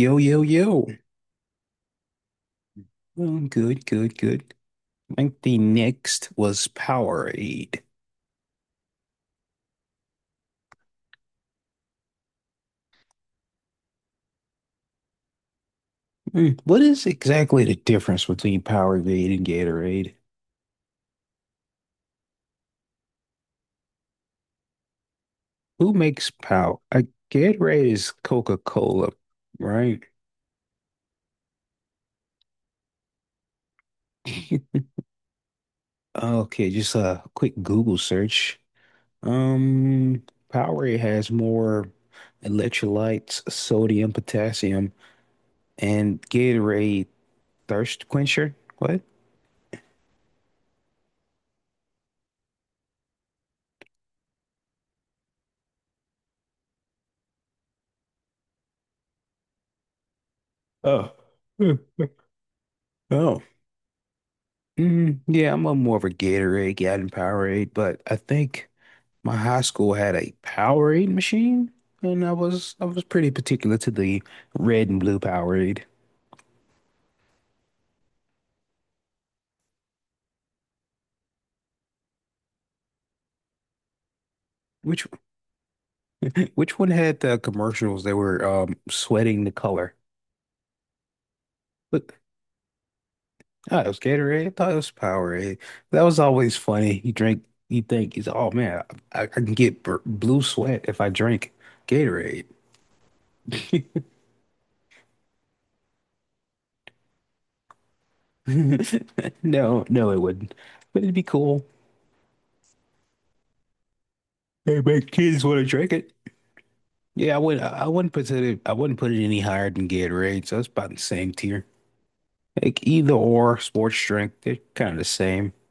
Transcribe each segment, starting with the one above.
Yo, yo, yo. Good, good, good. I think the next was Powerade. What is exactly the difference between Powerade and Gatorade? Who makes Power? Gatorade is Coca-Cola, right? Okay, just a quick Google search. Um, Powerade has more electrolytes, sodium, potassium, and Gatorade thirst quencher. What? Oh. Oh, yeah, I'm a more of a Gatorade than Powerade, but I think my high school had a Powerade machine, and I was pretty particular to the red and blue Powerade. Which which one had the commercials that were sweating the color? But I thought it was Gatorade. I thought it was Powerade. That was always funny. You drink, you think, you say, oh man, I can get b blue sweat if I drink Gatorade. No, no, it wouldn't. But it'd be cool. They make kids want to drink it. Yeah, I would. I wouldn't put it. I wouldn't put it any higher than Gatorade. So it's about the same tier. Like either or sports drink, they're kind of the same.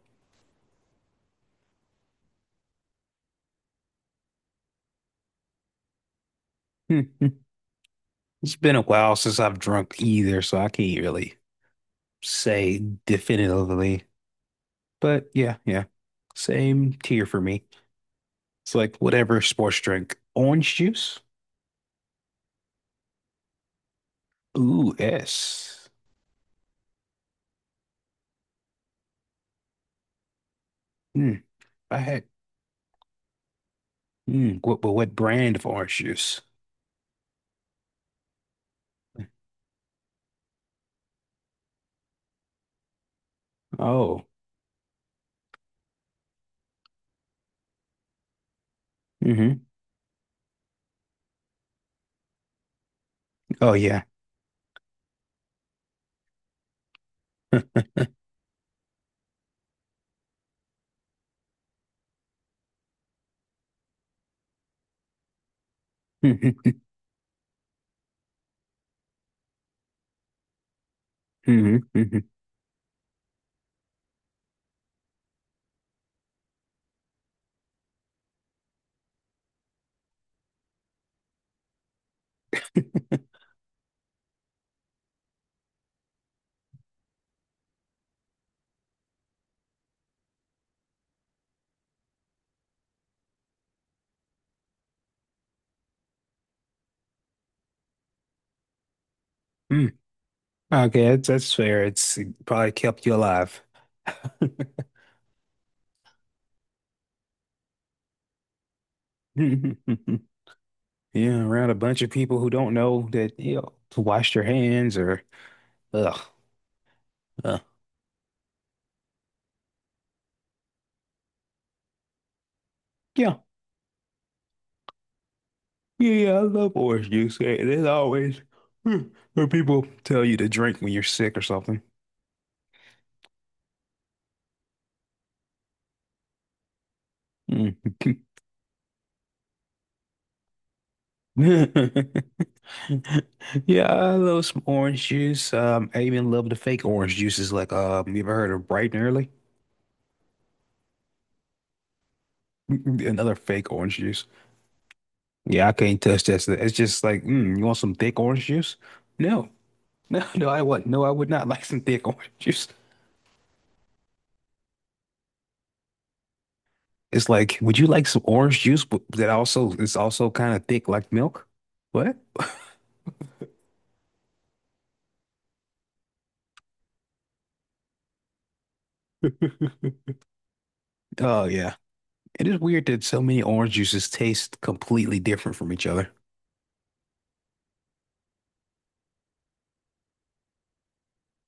Hmm, hmm. It's been a while since I've drunk either, so I can't really say definitively. But yeah, yeah, same tier for me. It's like whatever sports drink. Orange juice? Ooh, yes. Hmm. I had. Hmm. What? But what brand of orange juice? Oh. Mm-hmm. Oh yeah. hmm hmm Mm. Okay, that's fair. It probably kept you alive. Yeah, around a bunch of people who don't know that, you know, to wash their hands or ugh. Uh, yeah. Yeah, yeah, I love orange juice. Hey, there's always mm, where people tell you to drink when you're sick or something. Mm. Yeah, I love some orange juice. I even love the fake orange juices like you ever heard of Bright and Early? Another fake orange juice. Yeah, I can't touch that. Stuff. It's just like, mm, you want some thick orange juice? No, no, no, no, I would not like some thick orange juice. It's like, would you like some orange juice, but that also is also kind of thick like milk? What? Oh yeah, it is weird that so many orange juices taste completely different from each other.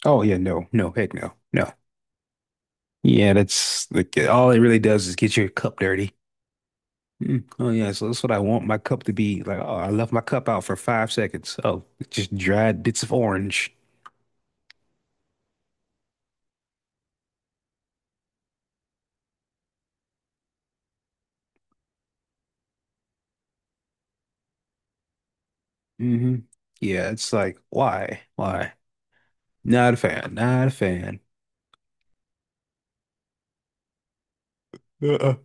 Oh yeah, no, no, heck no, no. Yeah, that's like all it really does is get your cup dirty. Mm. Oh yeah, so that's what I want my cup to be. Like, oh, I left my cup out for 5 seconds. Oh, it's just dried bits of orange. Hmm Yeah, it's like, why? Why? Not a fan. Not a fan. Uh-uh.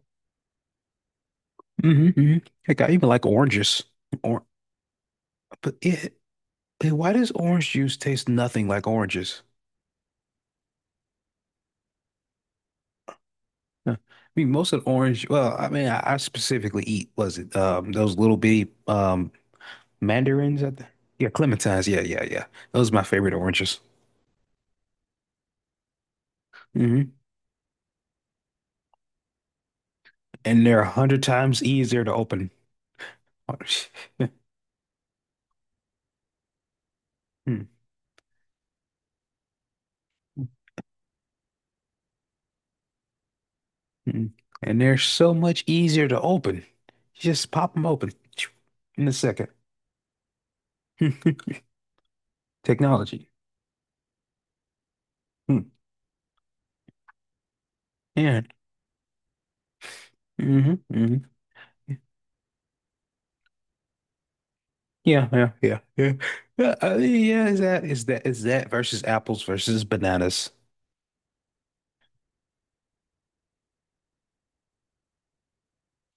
hmm hmm Heck, I even like oranges. Or but it, it- why does orange juice taste nothing like oranges? Huh. I mean, most of the orange. Well, I mean, I specifically eat was it those little bitty mandarins at the yeah clementines. Yeah, yeah, yeah. Those are my favorite oranges. Mm-hmm. And they're 100 times easier to open. Hmm, hmm. And they're so much easier to open. You just pop them open in a second. Technology. Hmm. Yeah. hmm hmm Yeah, yeah, yeah, yeah. Yeah, is that versus apples versus bananas?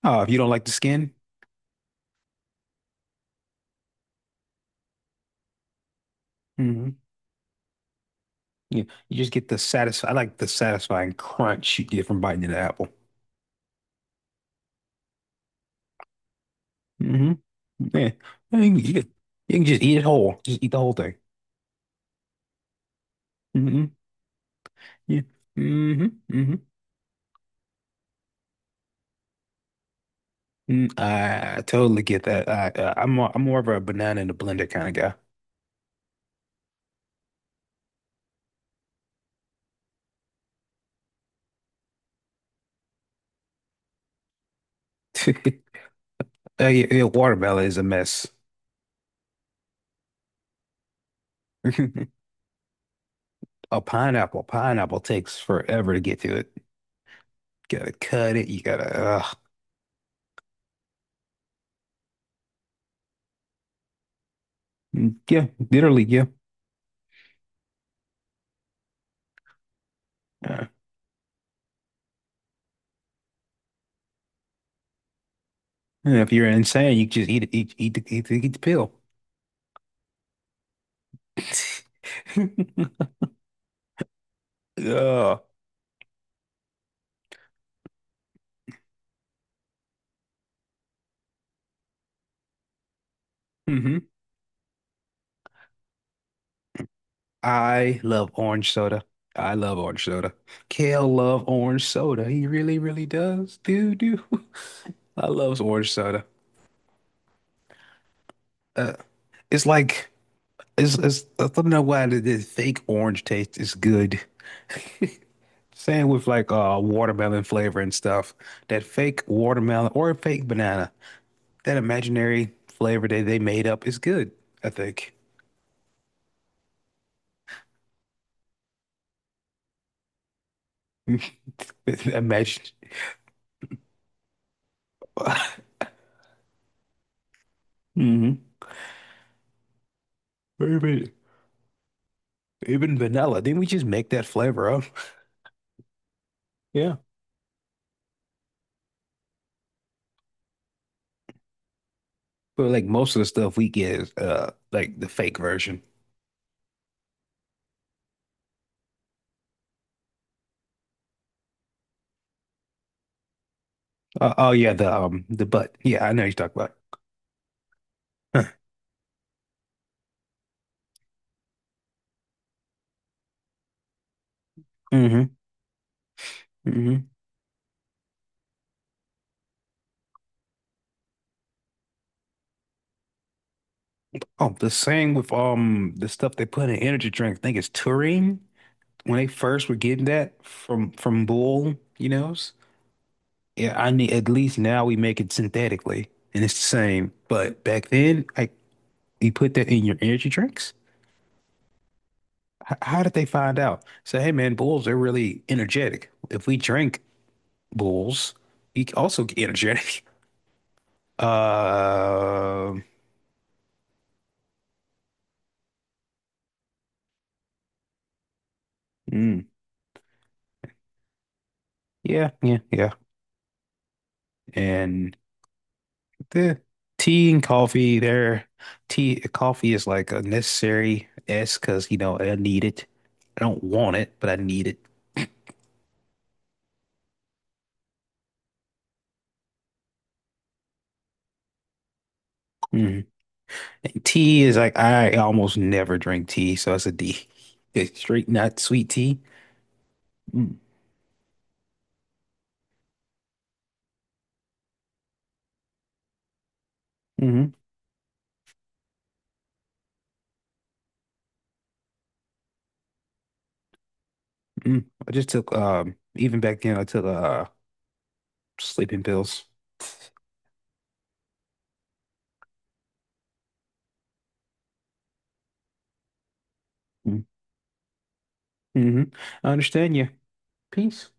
Oh, if you don't like the skin, hmm Yeah, you just get the satisfy. I like the satisfying crunch you get from biting into the apple. Hmm Yeah. I mean, you can just eat it whole. Just eat the whole thing. Hmm Yeah. hmm hmm Mm, I totally get that. I, I'm more of a banana in a blender kind of guy. Yeah, yeah, watermelon is a mess. A pineapple takes forever to get to it. Gotta cut it. You gotta, yeah, literally, yeah. Uh, and if you're insane, you just eat it, eat, eat the, eat the, eat the pill. Uh, mhm. I love orange soda. I love orange soda. Kale love orange soda. He really, really does. Dude, dude. I loves orange soda. Uh, it's like it's I don't know why the fake orange taste is good. Same with like watermelon flavor and stuff. That fake watermelon or fake banana. That imaginary flavor that they made up is good, I think. Imagine. Mm-hmm. Even vanilla. Didn't we just make that flavor up? Yeah. But like most of the stuff we get is like the fake version. Oh yeah, the butt. Yeah, I know you talk about. Hmm hmm Oh, the same with the stuff they put in energy drinks. I think it's taurine. When they first were getting that from Bull, you know. Yeah, I need at least now we make it synthetically and it's the same. But back then, like you put that in your energy drinks. How did they find out? Say, hey man, Bulls, they're really energetic. If we drink Bulls. He also energetic. Uh, mm, yeah, yeah, yeah. And the tea and coffee there. Tea, coffee is like a necessary S because you know I need it. I don't want it, but I need it. Mhm. And tea is like I almost never drink tea, so it's a D. It's straight, not sweet tea. Mm. hmm Mm. I just took even back then I took sleeping pills. Mm-hmm. Mm-hmm. I understand you. Peace.